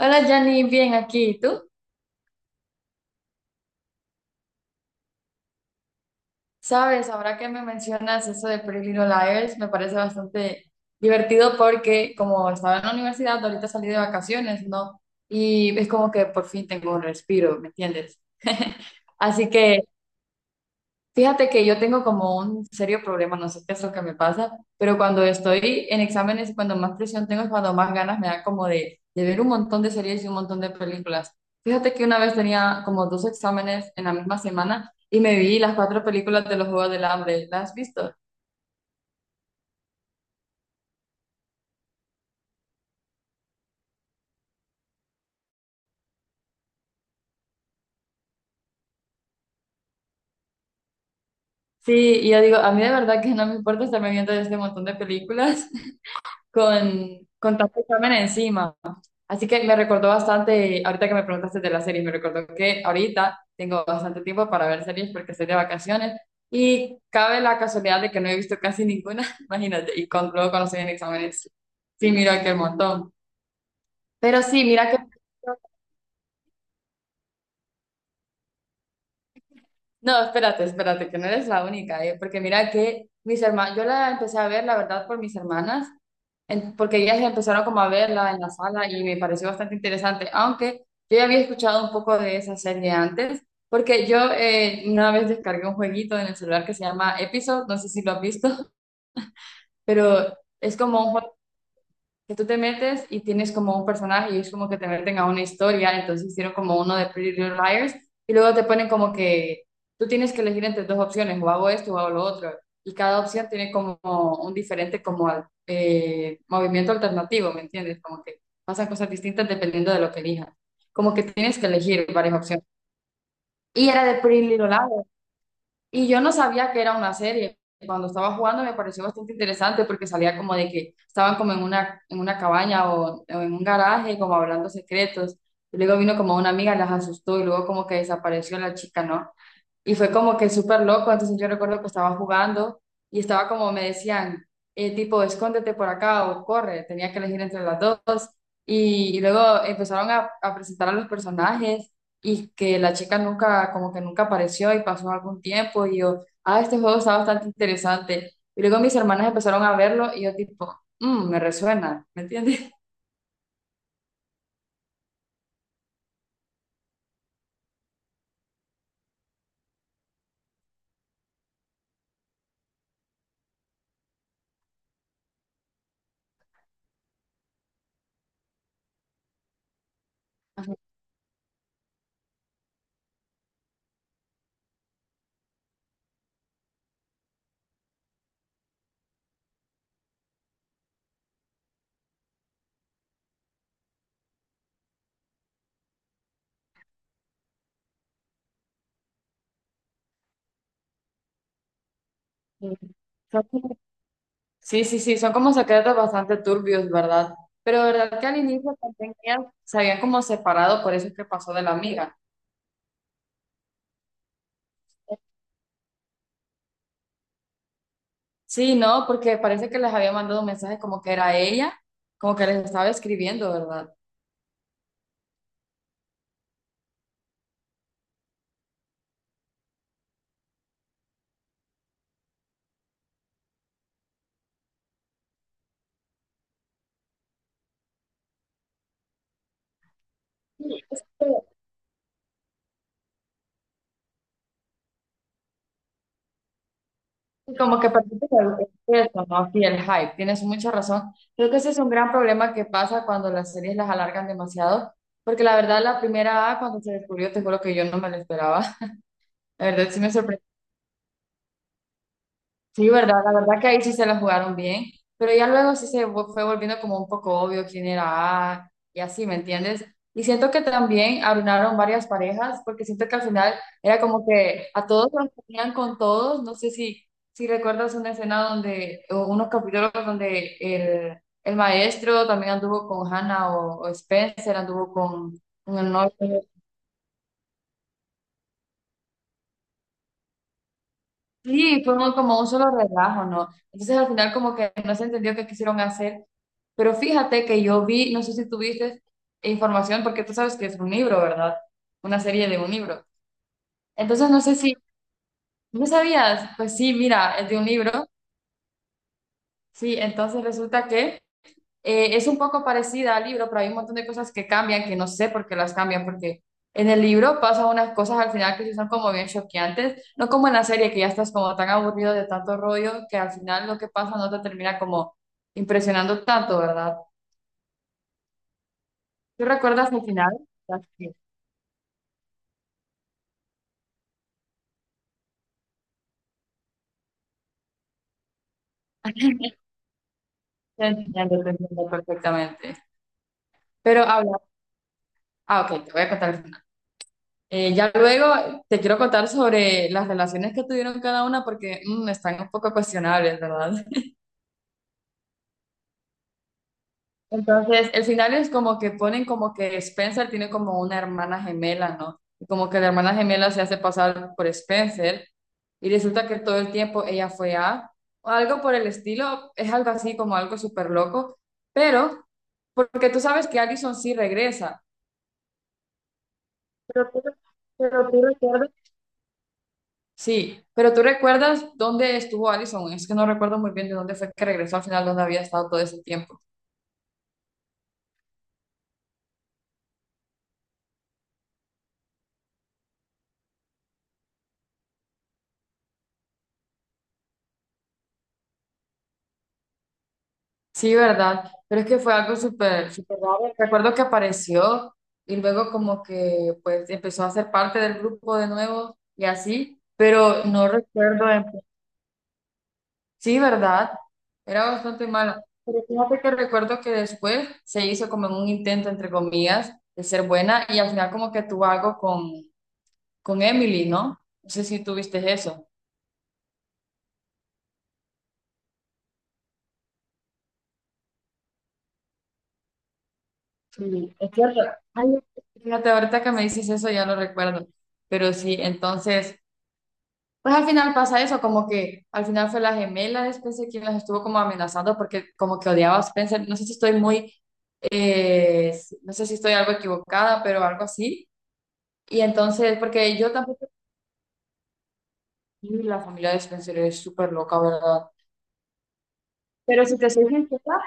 Hola Jenny, bien aquí. ¿Y tú? Sabes, ahora que me mencionas eso de Pretty Little Liars, me parece bastante divertido porque como estaba en la universidad, ahorita salí de vacaciones, ¿no? Y es como que por fin tengo un respiro, ¿me entiendes? Así que. Fíjate que yo tengo como un serio problema, no sé qué es lo que me pasa, pero cuando estoy en exámenes, cuando más presión tengo es cuando más ganas me da como de ver un montón de series y un montón de películas. Fíjate que una vez tenía como dos exámenes en la misma semana y me vi las cuatro películas de los Juegos del Hambre. ¿Las has visto? Sí, y yo digo, a mí de verdad que no me importa estarme viendo este montón de películas con tanto examen encima. Así que me recordó bastante, ahorita que me preguntaste de las series, me recordó que ahorita tengo bastante tiempo para ver series porque estoy de vacaciones y cabe la casualidad de que no he visto casi ninguna, imagínate, y luego cuando estoy en exámenes, sí, miro aquel montón. Pero sí, mira que. No, espérate, espérate, que no eres la única, porque mira que mis hermanas, yo la empecé a ver, la verdad, por mis hermanas. Porque ellas empezaron como a verla en la sala y me pareció bastante interesante, aunque yo ya había escuchado un poco de esa serie antes, porque yo una vez descargué un jueguito en el celular que se llama Episode, no sé si lo has visto. Pero es como un juego que tú te metes y tienes como un personaje y es como que te meten a una historia, entonces hicieron como uno de Pretty Little Liars y luego te ponen como que tú tienes que elegir entre dos opciones, o hago esto o hago lo otro, y cada opción tiene como un diferente como movimiento alternativo, ¿me entiendes? Como que pasan cosas distintas dependiendo de lo que elijas, como que tienes que elegir varias opciones. Y era de Pretty Little Liars, y yo no sabía que era una serie. Cuando estaba jugando me pareció bastante interesante porque salía como de que estaban como en una cabaña o en un garaje como hablando secretos. Y luego vino como una amiga, las asustó y luego como que desapareció la chica, ¿no? Y fue como que súper loco, entonces yo recuerdo que estaba jugando y estaba como me decían, tipo, escóndete por acá o corre, tenía que elegir entre las dos. Y luego empezaron a presentar a los personajes y que la chica nunca, como que nunca apareció y pasó algún tiempo y yo, ah, este juego está bastante interesante. Y luego mis hermanas empezaron a verlo y yo tipo, "Mm, me resuena, ¿me entiendes?" Ajá. Sí, sí, sí, son como secretos bastante turbios, ¿verdad? Pero verdad que al inicio también ellas se habían como separado, por eso es que pasó de la amiga. Sí, no, porque parece que les había mandado un mensaje como que era ella, como que les estaba escribiendo, ¿verdad? Sí, es que. Como que parece que es eso, ¿no? Sí, el hype, tienes mucha razón. Creo que ese es un gran problema que pasa cuando las series las alargan demasiado, porque la verdad la primera A, cuando se descubrió, te juro que yo no me lo esperaba. La verdad sí me sorprendió. Sí, verdad, la verdad que ahí sí se la jugaron bien, pero ya luego sí fue volviendo como un poco obvio quién era A y así, ¿me entiendes? Y siento que también arruinaron varias parejas, porque siento que al final era como que a todos los ponían con todos, no sé si, si recuerdas una escena donde, o unos capítulos donde el maestro también anduvo con Hannah o Spencer, anduvo con el novio. Sí, fue muy como un solo relajo, ¿no? Entonces al final como que no se entendió qué quisieron hacer, pero fíjate que yo vi, no sé si tuviste información, porque tú sabes que es un libro, ¿verdad? Una serie de un libro. Entonces no sé si, ¿no sabías? Pues sí, mira, es de un libro, sí, entonces resulta que es un poco parecida al libro, pero hay un montón de cosas que cambian, que no sé por qué las cambian, porque en el libro pasan unas cosas al final que sí son como bien choqueantes, no como en la serie, que ya estás como tan aburrido de tanto rollo, que al final lo que pasa no te termina como impresionando tanto, ¿verdad? ¿Tú recuerdas el final? Sí. Te entiendo perfectamente. Pero habla, ah, ok, te voy a contar el final. Ya luego te quiero contar sobre las relaciones que tuvieron cada una porque están un poco cuestionables, ¿verdad? Entonces, el final es como que ponen como que Spencer tiene como una hermana gemela, ¿no? Y como que la hermana gemela se hace pasar por Spencer y resulta que todo el tiempo ella fue A, o algo por el estilo, es algo así como algo súper loco, pero porque tú sabes que Allison sí regresa. Pero tú, pero tú recuerdas. Sí, pero tú recuerdas dónde estuvo Allison, es que no recuerdo muy bien de dónde fue que regresó al final, dónde había estado todo ese tiempo. Sí, ¿verdad? Pero es que fue algo súper, súper raro. Recuerdo que apareció y luego como que pues empezó a ser parte del grupo de nuevo y así, pero no recuerdo Sí, ¿verdad? Era bastante mala. Pero fíjate que recuerdo que después se hizo como en un intento, entre comillas, de ser buena y al final como que tuvo algo con Emily, ¿no? No sé si tuviste eso. Sí, es cierto. Ay, fíjate, ahorita que me dices eso ya lo recuerdo. Pero sí, entonces. Pues al final pasa eso, como que al final fue la gemela de Spencer quien las estuvo como amenazando porque como que odiaba a Spencer. No sé si estoy muy, eh, no sé si estoy algo equivocada, pero algo así. Y entonces, porque yo tampoco, y la familia de Spencer es súper loca, ¿verdad? Pero si te soy sincera,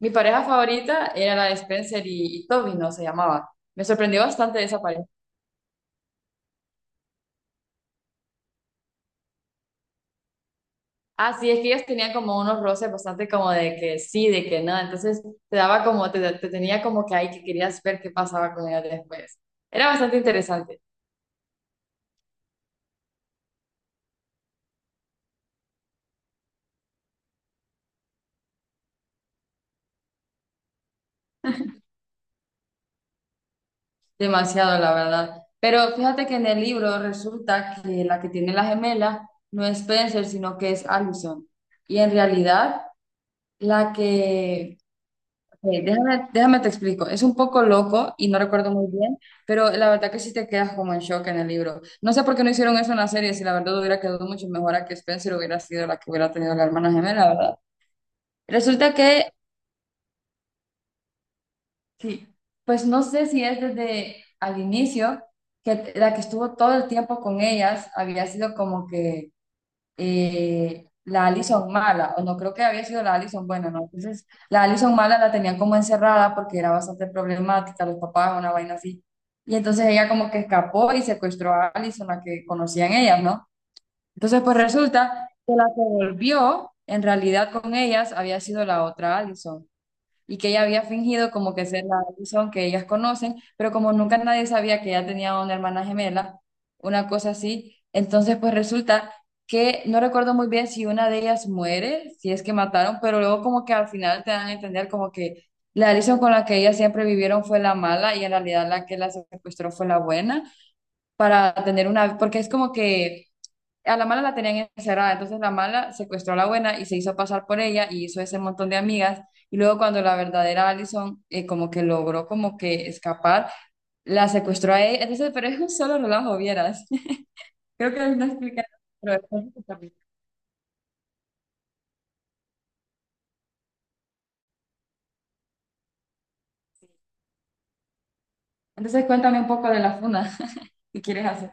mi pareja favorita era la de Spencer y Toby, ¿no? Se llamaba. Me sorprendió bastante esa pareja. Ah, sí, es que ellos tenían como unos roces bastante como de que sí, de que no, entonces te daba como, te tenía como que ahí que querías ver qué pasaba con ellos después. Era bastante interesante, demasiado la verdad. Pero fíjate que en el libro resulta que la que tiene la gemela no es Spencer, sino que es Allison. Y en realidad la que déjame, déjame te explico. Es un poco loco y no recuerdo muy bien, pero la verdad que sí te quedas como en shock en el libro. No sé por qué no hicieron eso en la serie, si la verdad hubiera quedado mucho mejor a que Spencer hubiera sido la que hubiera tenido la hermana gemela, ¿verdad? Resulta que, sí, pues no sé si es desde al inicio, que la que estuvo todo el tiempo con ellas había sido como que la Allison mala, o no creo que había sido la Allison buena, ¿no? Entonces, la Allison mala la tenían como encerrada porque era bastante problemática, los papás, una vaina así. Y entonces ella como que escapó y secuestró a Allison, la que conocían ellas, ¿no? Entonces, pues resulta que la que volvió, en realidad con ellas, había sido la otra Allison y que ella había fingido como que ser la Alison que ellas conocen, pero como nunca nadie sabía que ella tenía una hermana gemela, una cosa así, entonces pues resulta que no recuerdo muy bien si una de ellas muere, si es que mataron, pero luego como que al final te dan a entender como que la Alison con la que ellas siempre vivieron fue la mala y en realidad la que la secuestró fue la buena para tener una, porque es como que a la mala la tenían encerrada, entonces la mala secuestró a la buena y se hizo pasar por ella y hizo ese montón de amigas. Y luego cuando la verdadera Allison como que logró como que escapar, la secuestró a ella. Entonces, pero es un solo relajo, vieras. Creo que no explica, pero es un capítulo. Entonces cuéntame un poco de la funa que quieres hacer.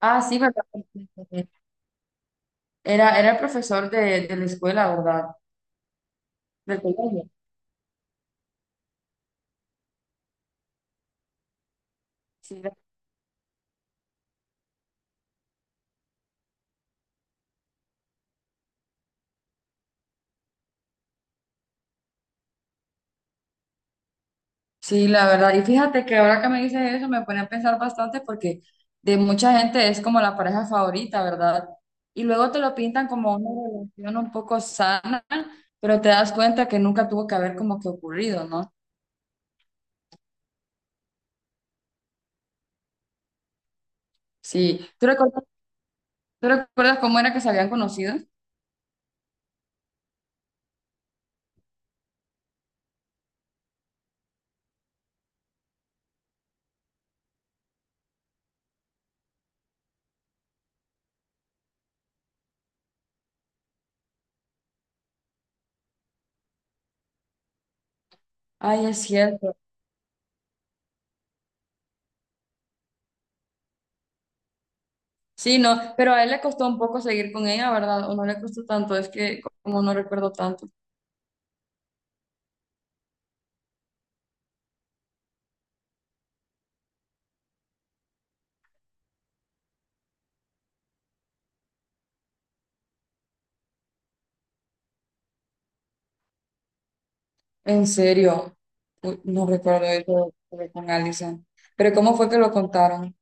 Ah, sí, ¿verdad? Era, era el profesor de la escuela, ¿verdad? Del colegio. Sí, sí, la verdad. Y fíjate que ahora que me dices eso me pone a pensar bastante porque de mucha gente es como la pareja favorita, ¿verdad? Y luego te lo pintan como una relación un poco sana, pero te das cuenta que nunca tuvo que haber como que ocurrido, ¿no? Sí. Tú recuerdas cómo era que se habían conocido? Ay, es cierto. Sí, no, pero a él le costó un poco seguir con ella, ¿verdad? O no le costó tanto, es que como no recuerdo tanto. En serio, uy, no recuerdo eso de con Allison. Pero ¿cómo fue que lo contaron?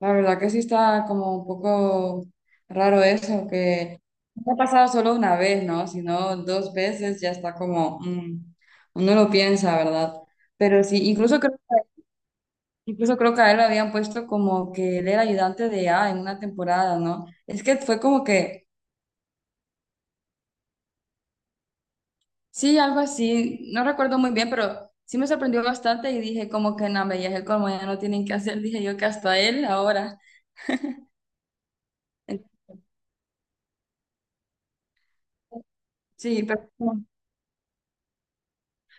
La verdad que sí está como un poco raro eso, que no ha pasado solo una vez, ¿no? Sino dos veces ya está como, uno lo piensa, ¿verdad? Pero sí, incluso creo que a él lo habían puesto como que él era ayudante de A en una temporada, ¿no? Es que fue como que, sí, algo así, no recuerdo muy bien, pero sí me sorprendió bastante y dije como que no, me ya es el colmo, ya no tienen que hacer, dije yo que hasta él ahora. Entonces, sí, pero.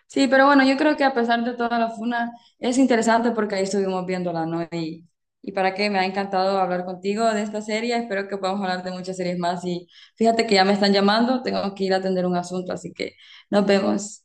Sí, pero bueno, yo creo que a pesar de toda la funa, es interesante porque ahí estuvimos viéndola, ¿no? Y para qué, me ha encantado hablar contigo de esta serie, espero que podamos hablar de muchas series más y fíjate que ya me están llamando, tengo que ir a atender un asunto, así que nos vemos.